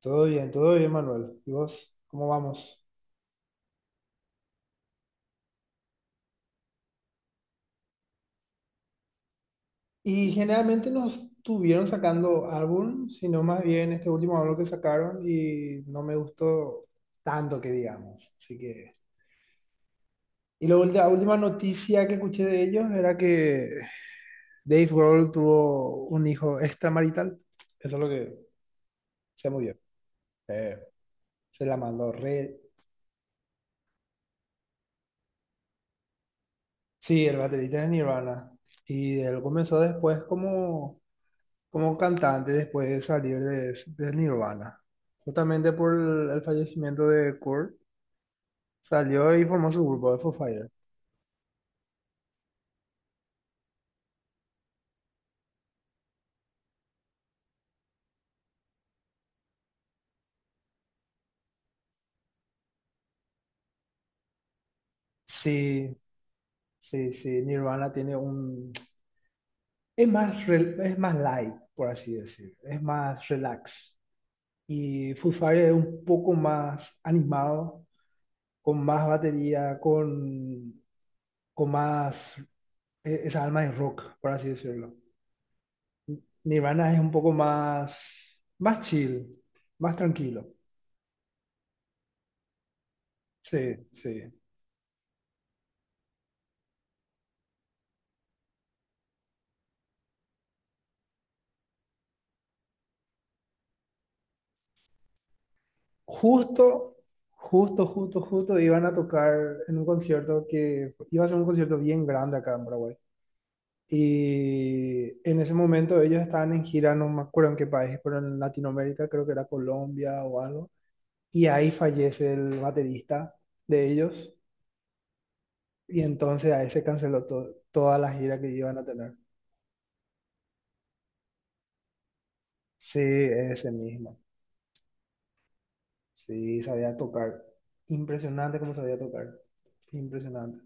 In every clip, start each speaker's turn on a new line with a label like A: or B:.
A: Todo bien, Manuel. ¿Y vos, cómo vamos? Y generalmente no estuvieron sacando álbum, sino más bien este último álbum que sacaron y no me gustó tanto que digamos. Así que. Y la última noticia que escuché de ellos era que Dave Grohl tuvo un hijo extramarital. Eso es lo que se murió. Eh, Se la mandó re. Sí, el baterista de Nirvana. Y él comenzó después como cantante después de salir de Nirvana. Justamente por el fallecimiento de Kurt, salió y formó su grupo de Foo Fighters. Sí, sí, sí, Nirvana tiene un. Es más light, por así decir. Es más relax. Y Foo Fighters es un poco más animado, con más batería, con más. Esa alma de rock, por así decirlo. Nirvana es un poco más, más chill, más tranquilo. Sí, sí. Justo, justo, justo, justo iban a tocar en un concierto que iba a ser un concierto bien grande acá en Paraguay. Y en ese momento ellos estaban en gira, no me acuerdo en qué país, pero en Latinoamérica, creo que era Colombia o algo. Y ahí fallece el baterista de ellos. Y entonces ahí se canceló toda la gira que iban a tener. Sí, ese mismo. Sí, sabía tocar. Impresionante cómo sabía tocar. Impresionante.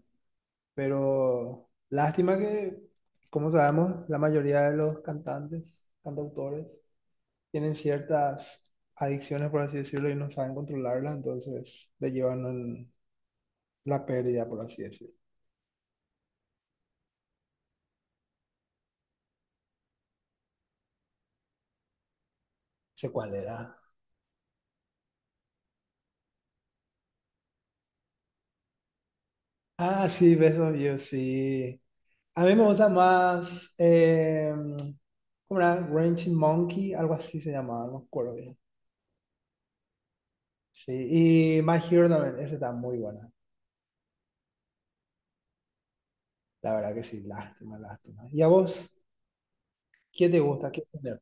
A: Pero lástima que, como sabemos, la mayoría de los cantantes, cantautores, tienen ciertas adicciones, por así decirlo, y no saben controlarlas, entonces le llevan en la pérdida, por así decirlo. No sé cuál era. Ah, sí, besos yo sí. A mí me gusta más. ¿Cómo era? Ranching Monkey, algo así se llamaba, no me acuerdo bien. Sí, y My Hero también, esa está muy buena. La verdad que sí, lástima, lástima. ¿Y a vos? ¿Qué te gusta? ¿Qué género?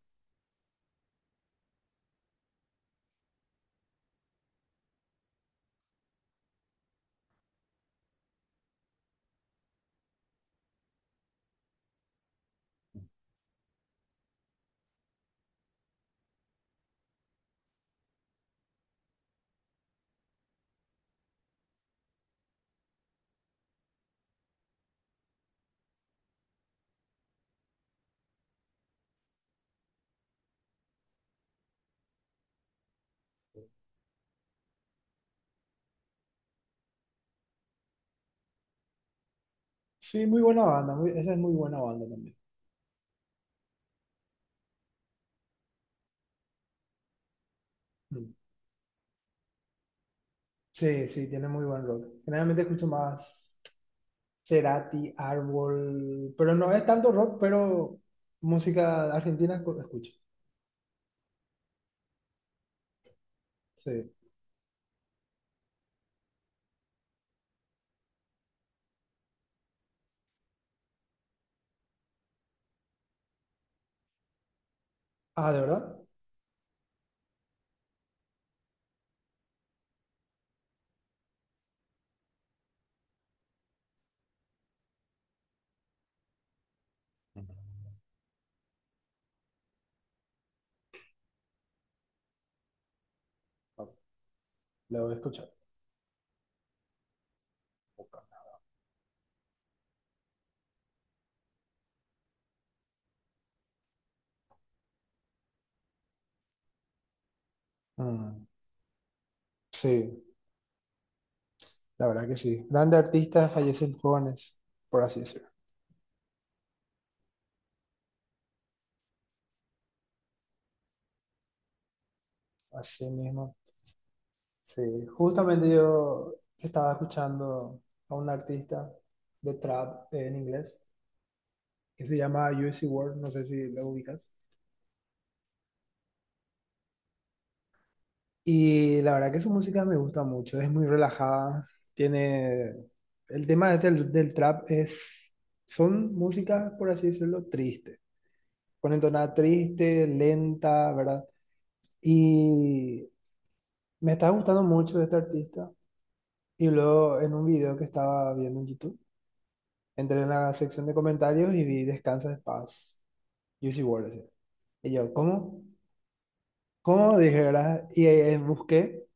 A: Sí, muy buena banda. Esa es muy buena banda también. Mm. Sí, sí, tiene muy buen rock. Generalmente escucho más Cerati, Árbol, pero no es tanto rock, pero música argentina escucho. Sí. Ah, ¿de verdad? Ah, la voy a escuchar. Ok. Mm, sí, la verdad que sí. Grandes artistas fallecen jóvenes, por así decirlo. Así mismo. Sí, justamente yo estaba escuchando a un artista de trap en inglés que se llama USC World, no sé si lo ubicas. Y la verdad que su música me gusta mucho, es muy relajada, tiene. El tema este del trap es. Son músicas, por así decirlo, tristes, con entonada triste, lenta, ¿verdad? Y me está gustando mucho este artista. Y luego en un video que estaba viendo en YouTube, entré en la sección de comentarios y vi Descansa de Paz, USC World. Y yo, ¿cómo? ¿Cómo? Dije, ¿verdad? Y busqué.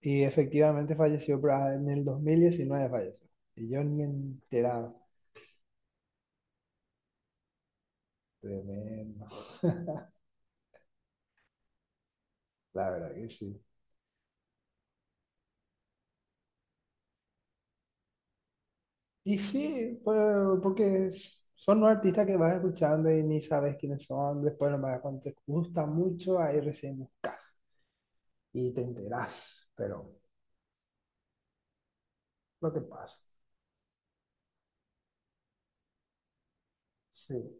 A: Y efectivamente falleció, pero en el 2019 falleció. Y yo ni enterado. Tremendo. La verdad que sí. Y sí, pues, porque son los artistas que vas escuchando y ni sabes quiénes son. Después, nomás cuando te gusta mucho, ahí recién buscas y te enterás. Pero lo que pasa. Sí.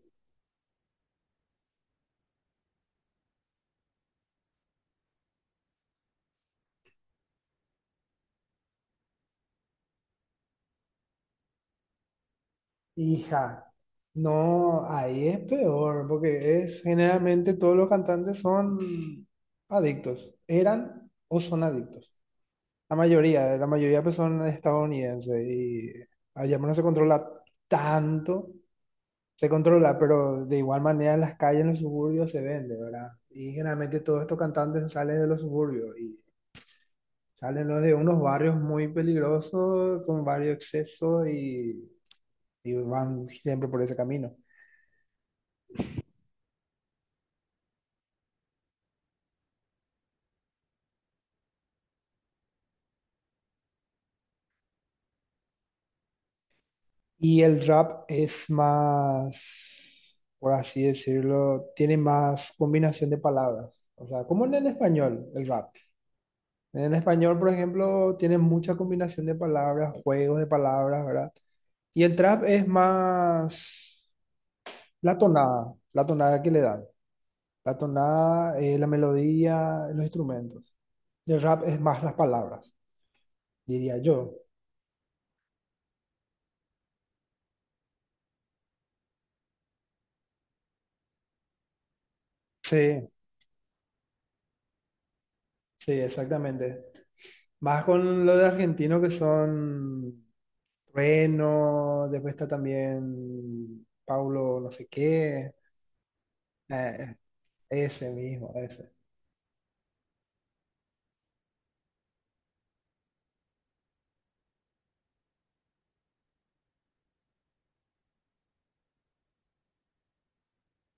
A: Hija, no, ahí es peor, porque es generalmente todos los cantantes son adictos. Eran o son adictos. La mayoría pues son estadounidenses y allá no se controla tanto, se controla, pero de igual manera en las calles, en los suburbios se vende, ¿verdad? Y generalmente todos estos cantantes salen de los suburbios y salen los de unos barrios muy peligrosos, con varios excesos y van siempre por ese camino. Y el rap es más, por así decirlo, tiene más combinación de palabras. O sea, como en el español, el rap. En español, por ejemplo, tiene mucha combinación de palabras, juegos de palabras, ¿verdad? Y el trap es más la tonada que le dan. La tonada, la melodía, los instrumentos. Y el rap es más las palabras, diría yo. Sí, sí, exactamente. Más con lo de argentino que son Reno, después está también Paulo no sé qué. eh, ese mismo, ese.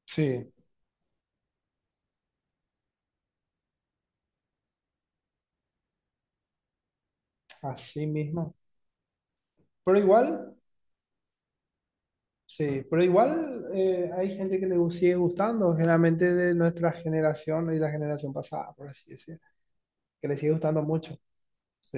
A: Sí, así mismo. Pero igual, sí, pero igual hay gente que le sigue gustando, generalmente de nuestra generación y la generación pasada, por así decir, que le sigue gustando mucho. Sí,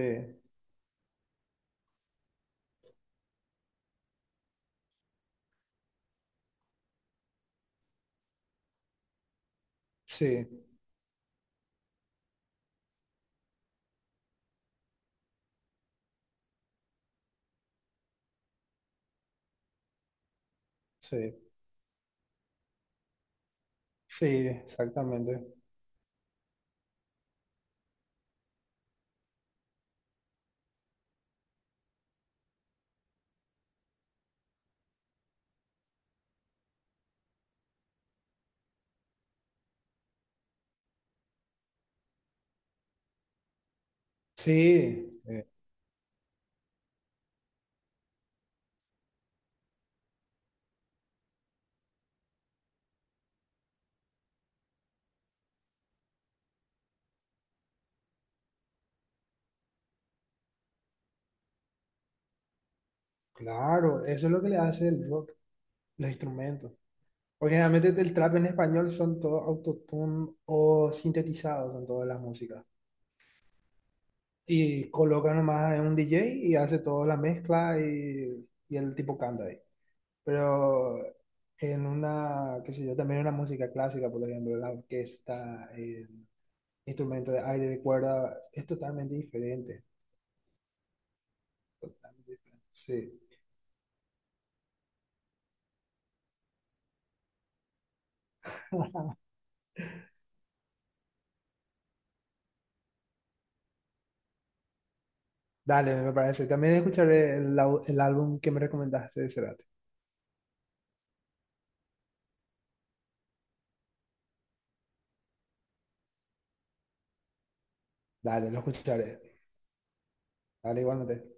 A: sí, sí, sí, exactamente. Sí, claro, eso es lo que le hace el rock, los instrumentos. Porque generalmente el trap en español son todos autotune o sintetizados en todas las músicas. Y colocan nomás en un DJ y hace toda la mezcla y el tipo canta. Pero en una, qué sé yo, también una música clásica, por ejemplo, la orquesta, el instrumento de aire de cuerda, es totalmente diferente. Sí. Dale, me parece. También escucharé el álbum que me recomendaste de Cerati. Dale, lo escucharé. Dale, igualmente.